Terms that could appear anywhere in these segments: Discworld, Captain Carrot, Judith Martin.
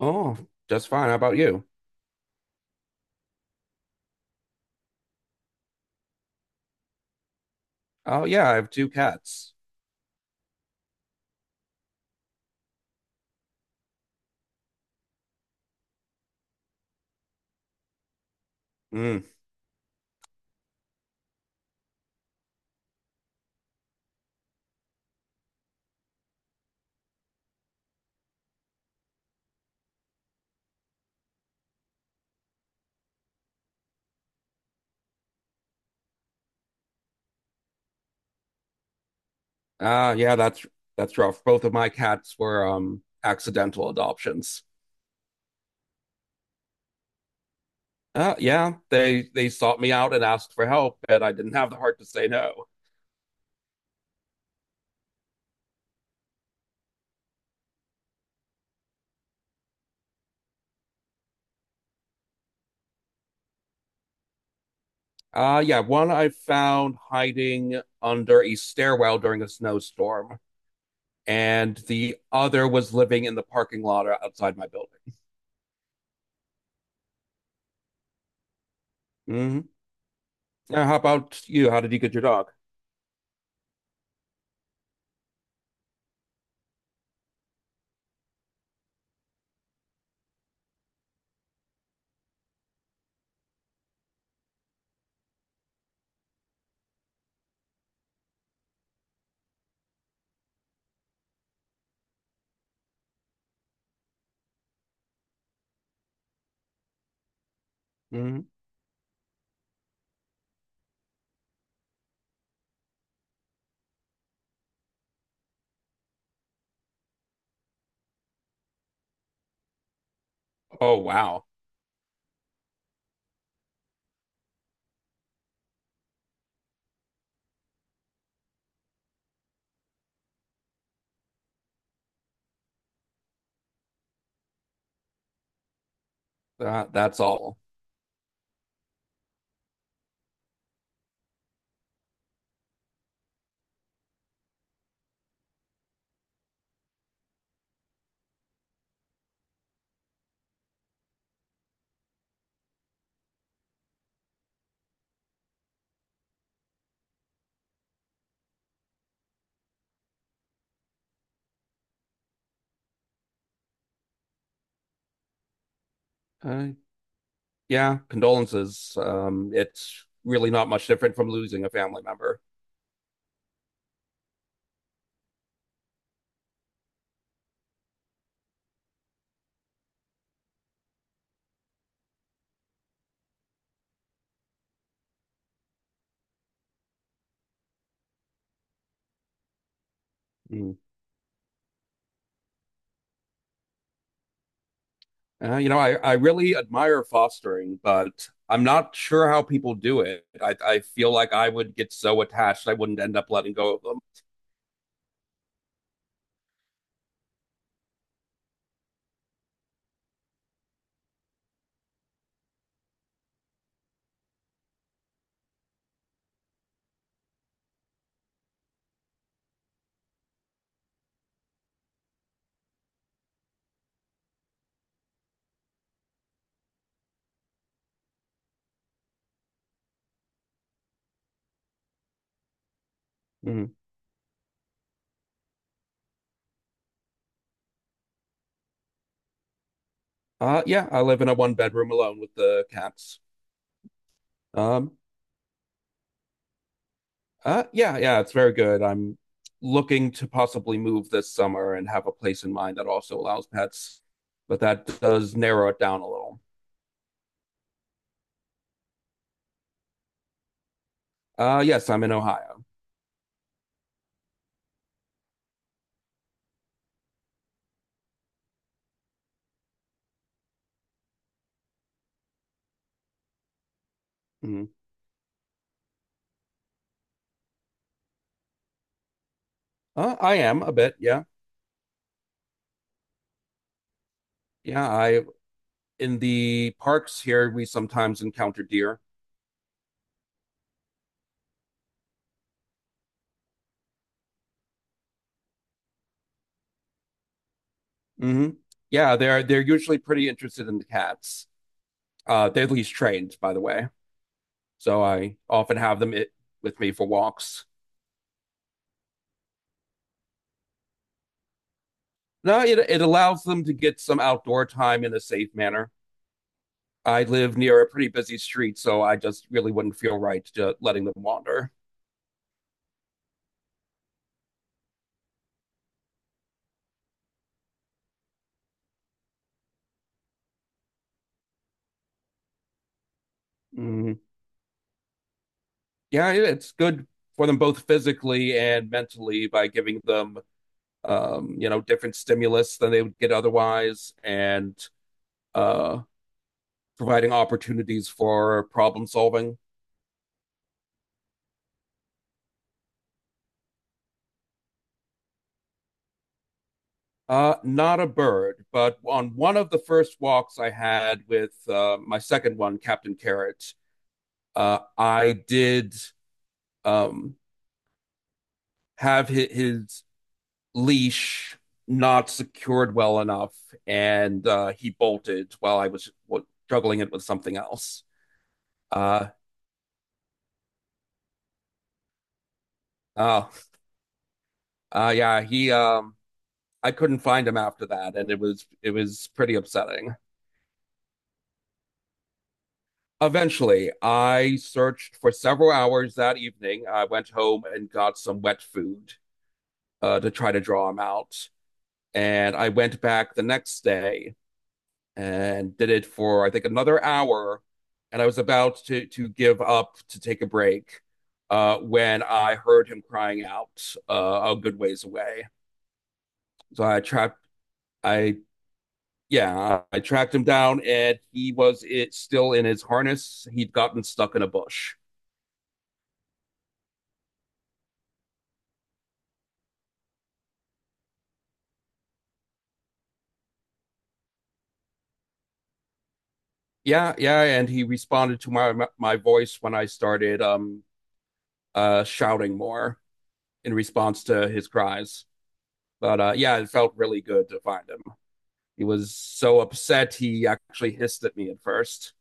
Oh, just fine. How about you? Oh, yeah, I have two cats. Mm. Ah, yeah, that's rough. Both of my cats were accidental adoptions. Yeah, they sought me out and asked for help, and I didn't have the heart to say no. Yeah, one I found hiding under a stairwell during a snowstorm, and the other was living in the parking lot outside my building. Hmm. Yeah, how about you? How did you get your dog? Hmm. Oh, wow. That's all. Uh, yeah, condolences. It's really not much different from losing a family member. Mm. You know, I really admire fostering, but I'm not sure how people do it. I feel like I would get so attached, I wouldn't end up letting go of them. Mm. Yeah, I live in a one bedroom alone with the cats. Um, yeah, yeah, it's very good. I'm looking to possibly move this summer and have a place in mind that also allows pets, but that does narrow it down a little. Yes, I'm in Ohio. Mm-hmm. I am a bit, yeah. Yeah, I in the parks here we sometimes encounter deer. Hmm. Yeah, they're usually pretty interested in the cats. They're least trained, by the way. So I often have them with me for walks. No, it allows them to get some outdoor time in a safe manner. I live near a pretty busy street, so I just really wouldn't feel right to letting them wander. Mhm. Yeah, it's good for them both physically and mentally by giving them you know, different stimulus than they would get otherwise, and uh, providing opportunities for problem solving. Not a bird, but on one of the first walks I had with my second one, Captain Carrot, I did um, have his leash not secured well enough, and he bolted while I was juggling it with something else. Uh, oh, yeah, he I couldn't find him after that, and it was pretty upsetting. Eventually, I searched for several hours that evening. I went home and got some wet food to try to draw him out, and I went back the next day and did it for I think another hour, and I was about to give up to take a break when I heard him crying out a good ways away. So I trapped I yeah, I tracked him down and he was it still in his harness. He'd gotten stuck in a bush. Yeah, yeah, and he responded to my voice when I started shouting more in response to his cries. But yeah, it felt really good to find him. He was so upset he actually hissed at me at first.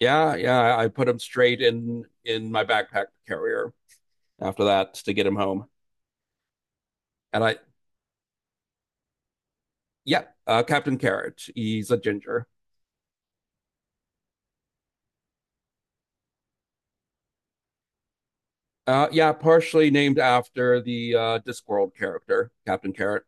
Yeah, yeah, I put him straight in my backpack carrier after that to get him home. And I yeah, Captain Carrot, he's a ginger. Yeah, partially named after the Discworld character, Captain Carrot.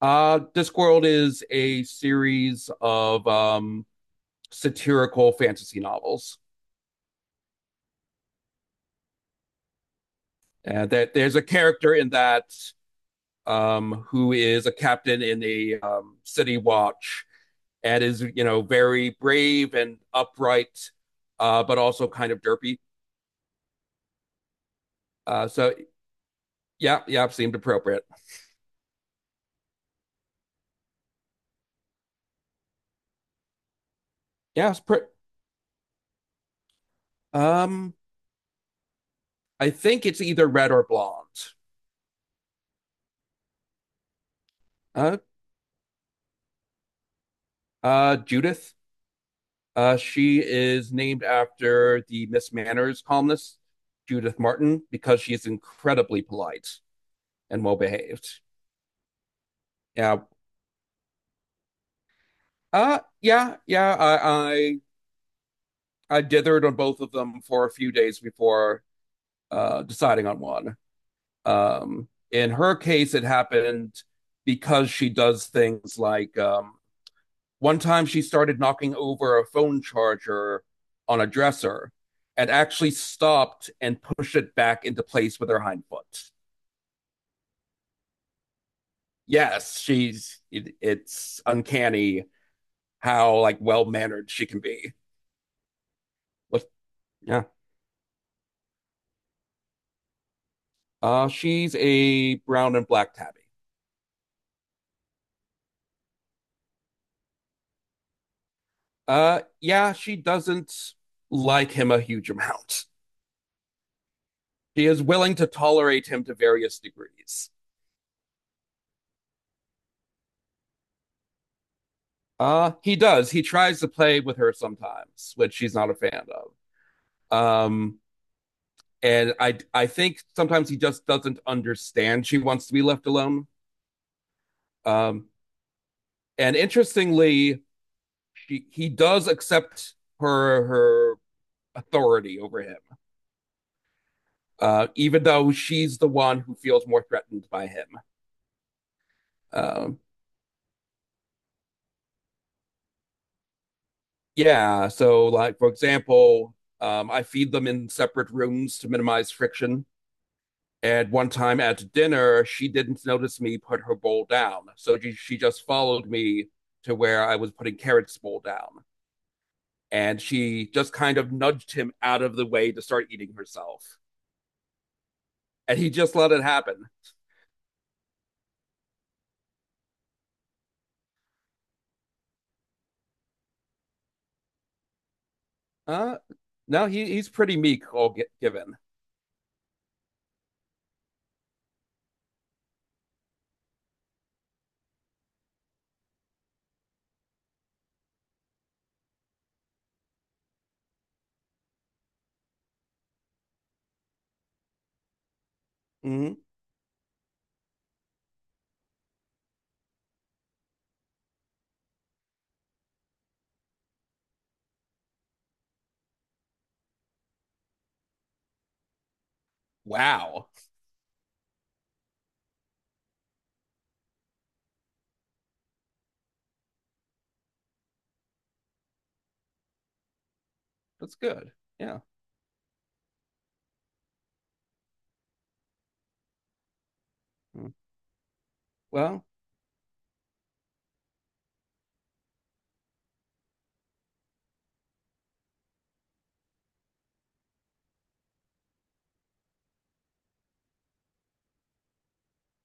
Discworld is a series of satirical fantasy novels. And that there's a character in that who is a captain in a city watch and is, you know, very brave and upright, but also kind of derpy. So yeah, yeah, seemed appropriate. Yeah, um, I think it's either red or blonde. Uh, Judith. She is named after the Miss Manners columnist, Judith Martin, because she is incredibly polite and well behaved. Yeah. Yeah, yeah. I dithered on both of them for a few days before deciding on one. In her case, it happened because she does things like one time she started knocking over a phone charger on a dresser and actually stopped and pushed it back into place with her hind foot. Yes, it's uncanny how like well mannered she can be. But yeah, she's a brown and black tabby. Yeah, she doesn't like him a huge amount. She is willing to tolerate him to various degrees. He does. He tries to play with her sometimes, which she's not a fan of. Um, and I think sometimes he just doesn't understand she wants to be left alone. Um, and interestingly, he does accept her authority over him, even though she's the one who feels more threatened by him. Um, yeah, so like for example, I feed them in separate rooms to minimize friction. At one time at dinner, she didn't notice me put her bowl down. So she just followed me to where I was putting Carrot's bowl down. And she just kind of nudged him out of the way to start eating herself. And he just let it happen. Uh, no, he's pretty meek, all get given. Mhm. Wow. That's good. Yeah. Mm. Well,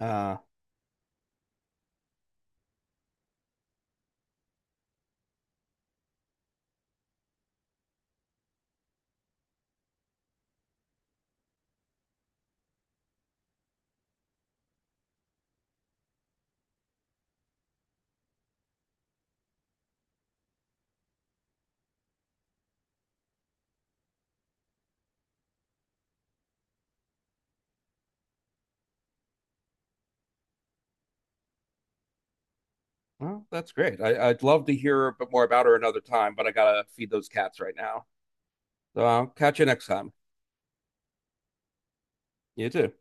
uh, well, that's great. I'd love to hear a bit more about her another time, but I gotta feed those cats right now. So I'll catch you next time. You too.